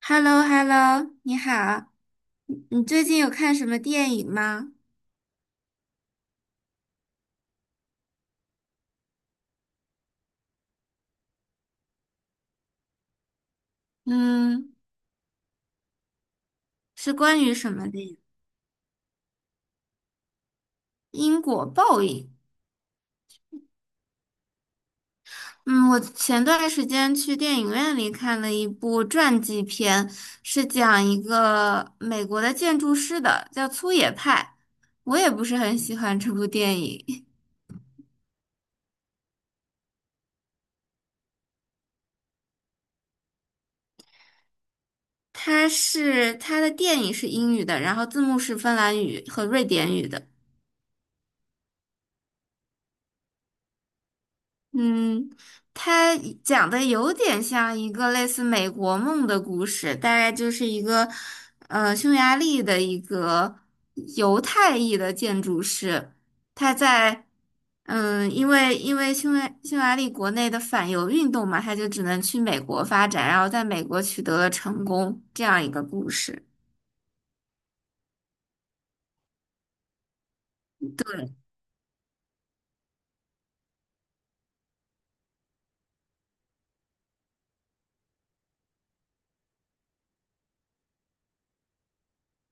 h e l l o h e l l o 你好，你最近有看什么电影吗？嗯，是关于什么的呀？因果报应。嗯，我前段时间去电影院里看了一部传记片，是讲一个美国的建筑师的，叫粗野派。我也不是很喜欢这部电影，它的电影是英语的，然后字幕是芬兰语和瑞典语的。嗯，他讲的有点像一个类似美国梦的故事，大概就是一个，匈牙利的一个犹太裔的建筑师，他在，因为匈牙利国内的反犹运动嘛，他就只能去美国发展，然后在美国取得了成功，这样一个故事。对，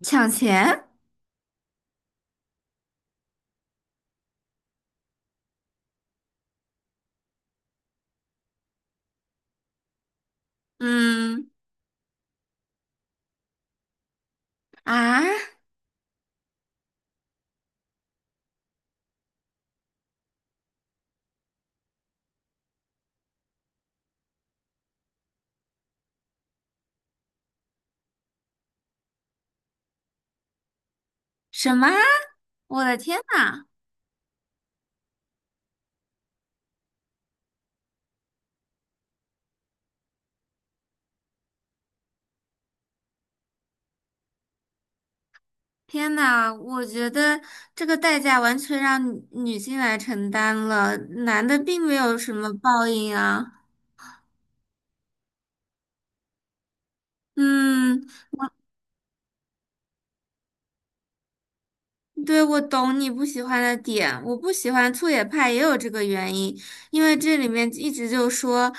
抢钱？嗯啊，什么？我的天呐！天呐，我觉得这个代价完全让女性来承担了，男的并没有什么报应啊。嗯，对，我懂你不喜欢的点。我不喜欢粗野派也有这个原因，因为这里面一直就说，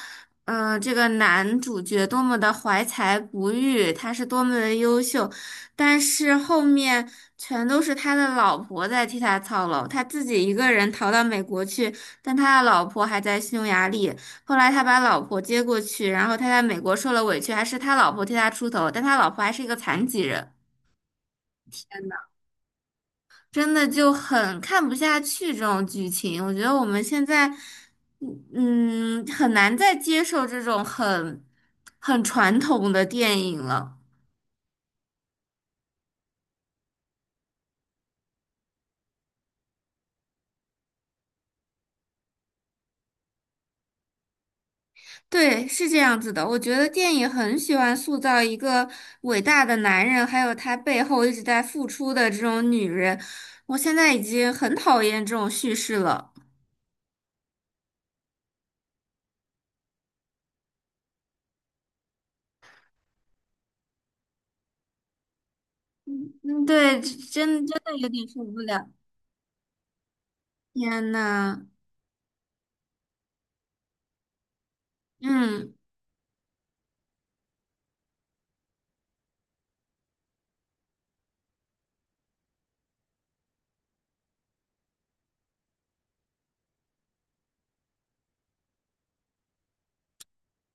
这个男主角多么的怀才不遇，他是多么的优秀，但是后面全都是他的老婆在替他操劳，他自己一个人逃到美国去，但他的老婆还在匈牙利。后来他把老婆接过去，然后他在美国受了委屈，还是他老婆替他出头，但他老婆还是一个残疾人。真的就很看不下去这种剧情。我觉得我们现在，嗯，很难再接受这种很传统的电影了。对，是这样子的。我觉得电影很喜欢塑造一个伟大的男人，还有他背后一直在付出的这种女人。我现在已经很讨厌这种叙事了。嗯，对，真真的有点受不了。天呐，嗯，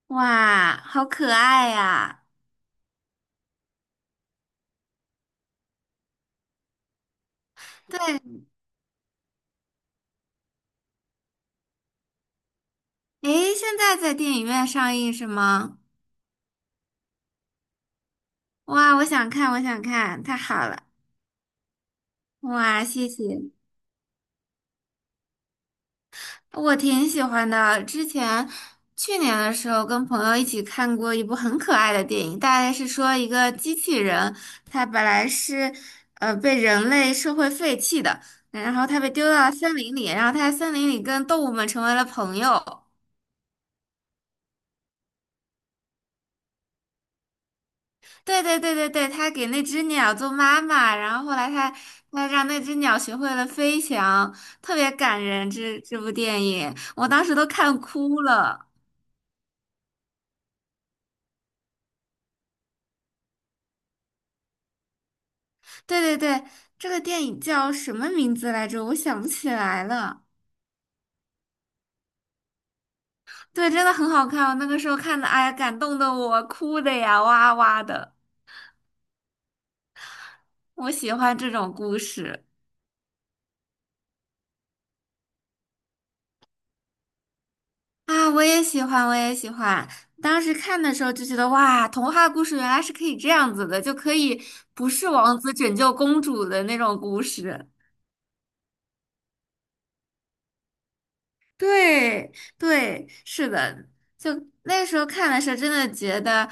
哇，好可爱呀！对，诶，现在在电影院上映是吗？哇，我想看，我想看，太好了！哇，谢谢，我挺喜欢的。之前去年的时候跟朋友一起看过一部很可爱的电影，大概是说一个机器人，它本来是被人类社会废弃的，然后它被丢到了森林里，然后它在森林里跟动物们成为了朋友。对对对对对，他给那只鸟做妈妈，然后后来他让那只鸟学会了飞翔，特别感人。这部电影我当时都看哭了。对对对，这个电影叫什么名字来着？我想不起来了。对，真的很好看，我那个时候看的，哎呀，感动的我哭的呀，哇哇的。我喜欢这种故事。啊，我也喜欢，我也喜欢。当时看的时候就觉得，哇，童话故事原来是可以这样子的，就可以不是王子拯救公主的那种故事。对，对，是的，就那时候看的时候，真的觉得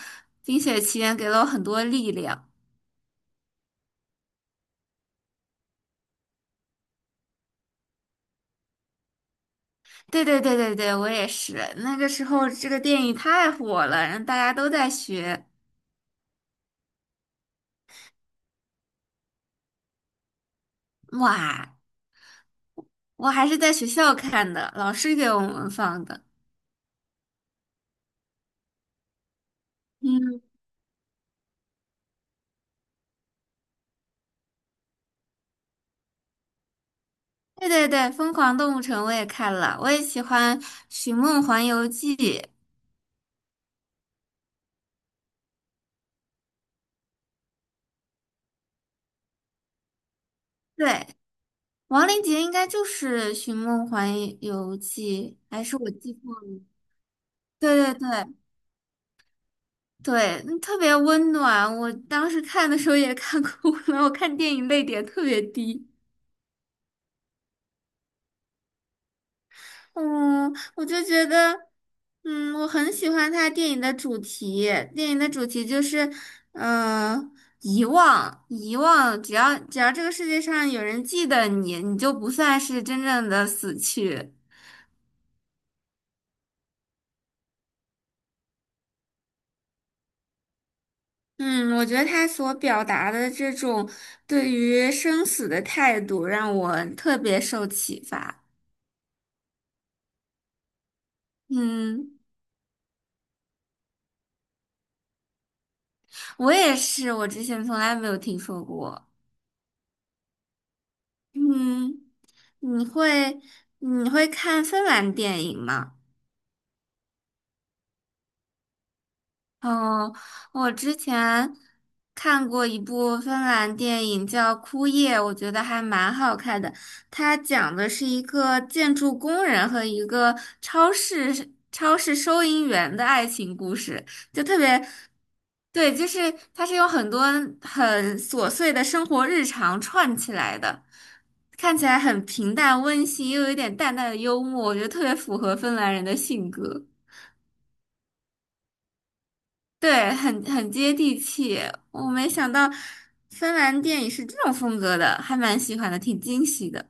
《冰雪奇缘》给了我很多力量。对对对对对，我也是。那个时候这个电影太火了，然后大家都在学。哇，我还是在学校看的，老师给我们放的。嗯。对对对，《疯狂动物城》我也看了，我也喜欢《寻梦环游记》。对，王林杰应该就是《寻梦环游记》，还是我记错了？对对对对，嗯特别温暖。我当时看的时候也看哭了，我看电影泪点特别低。嗯，我就觉得，我很喜欢他电影的主题。电影的主题就是，呃，遗忘，遗忘。只要这个世界上有人记得你，你就不算是真正的死去。嗯，我觉得他所表达的这种对于生死的态度，让我特别受启发。嗯，我也是，我之前从来没有听说过。嗯，你会你会看芬兰电影吗？哦，我之前看过一部芬兰电影叫《枯叶》，我觉得还蛮好看的。它讲的是一个建筑工人和一个超市收银员的爱情故事，就特别，对，就是它是有很多很琐碎的生活日常串起来的，看起来很平淡温馨，又有一点淡淡的幽默，我觉得特别符合芬兰人的性格。对，很接地气。我没想到芬兰电影是这种风格的，还蛮喜欢的，挺惊喜的。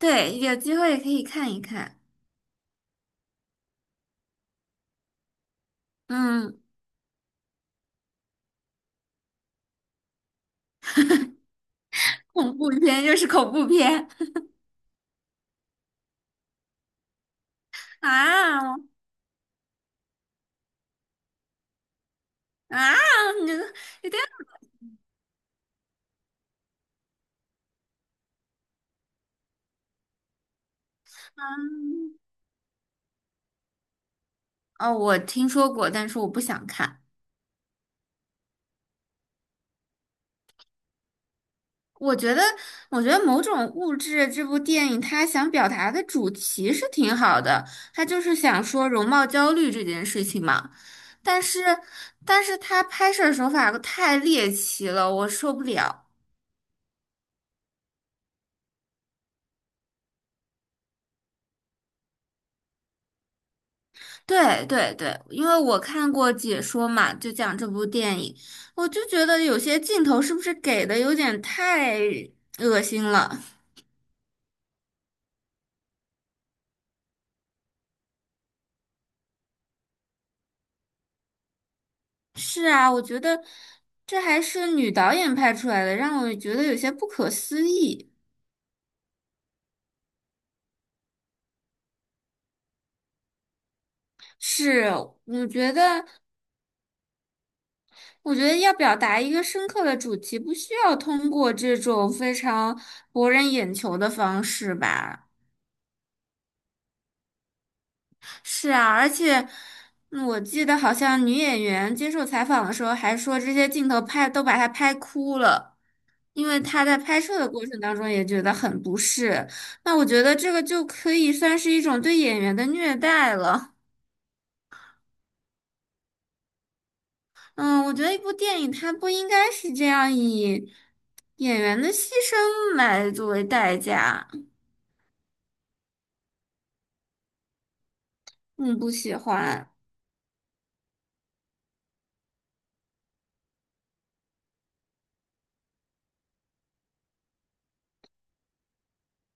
对，有机会可以看一看。嗯，恐怖片又是恐怖片啊啊！你这有点……嗯哦，我听说过，但是我不想看。我觉得，某种物质这部电影，它想表达的主题是挺好的，它就是想说容貌焦虑这件事情嘛。但是，它拍摄手法太猎奇了，我受不了。对对对，因为我看过解说嘛，就讲这部电影，我就觉得有些镜头是不是给的有点太恶心了。是啊，我觉得这还是女导演拍出来的，让我觉得有些不可思议。是，我觉得，要表达一个深刻的主题，不需要通过这种非常博人眼球的方式吧。是啊，而且我记得好像女演员接受采访的时候还说，这些镜头拍都把她拍哭了，因为她在拍摄的过程当中也觉得很不适。那我觉得这个就可以算是一种对演员的虐待了。嗯，我觉得一部电影它不应该是这样以演员的牺牲来作为代价。嗯，不喜欢。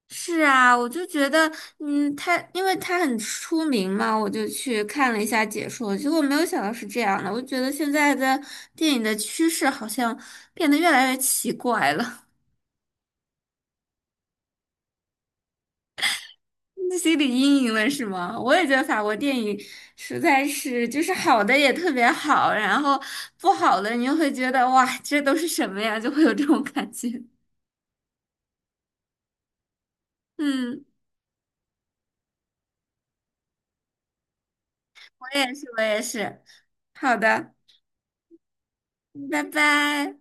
是啊，我就觉得，嗯，他因为他很出名嘛，我就去看了一下解说，结果没有想到是这样的。我觉得现在的电影的趋势好像变得越来越奇怪了。心理阴影了是吗？我也觉得法国电影实在是，就是好的也特别好，然后不好的你就会觉得哇，这都是什么呀？就会有这种感觉。嗯，我也是，我也是。好的，拜拜。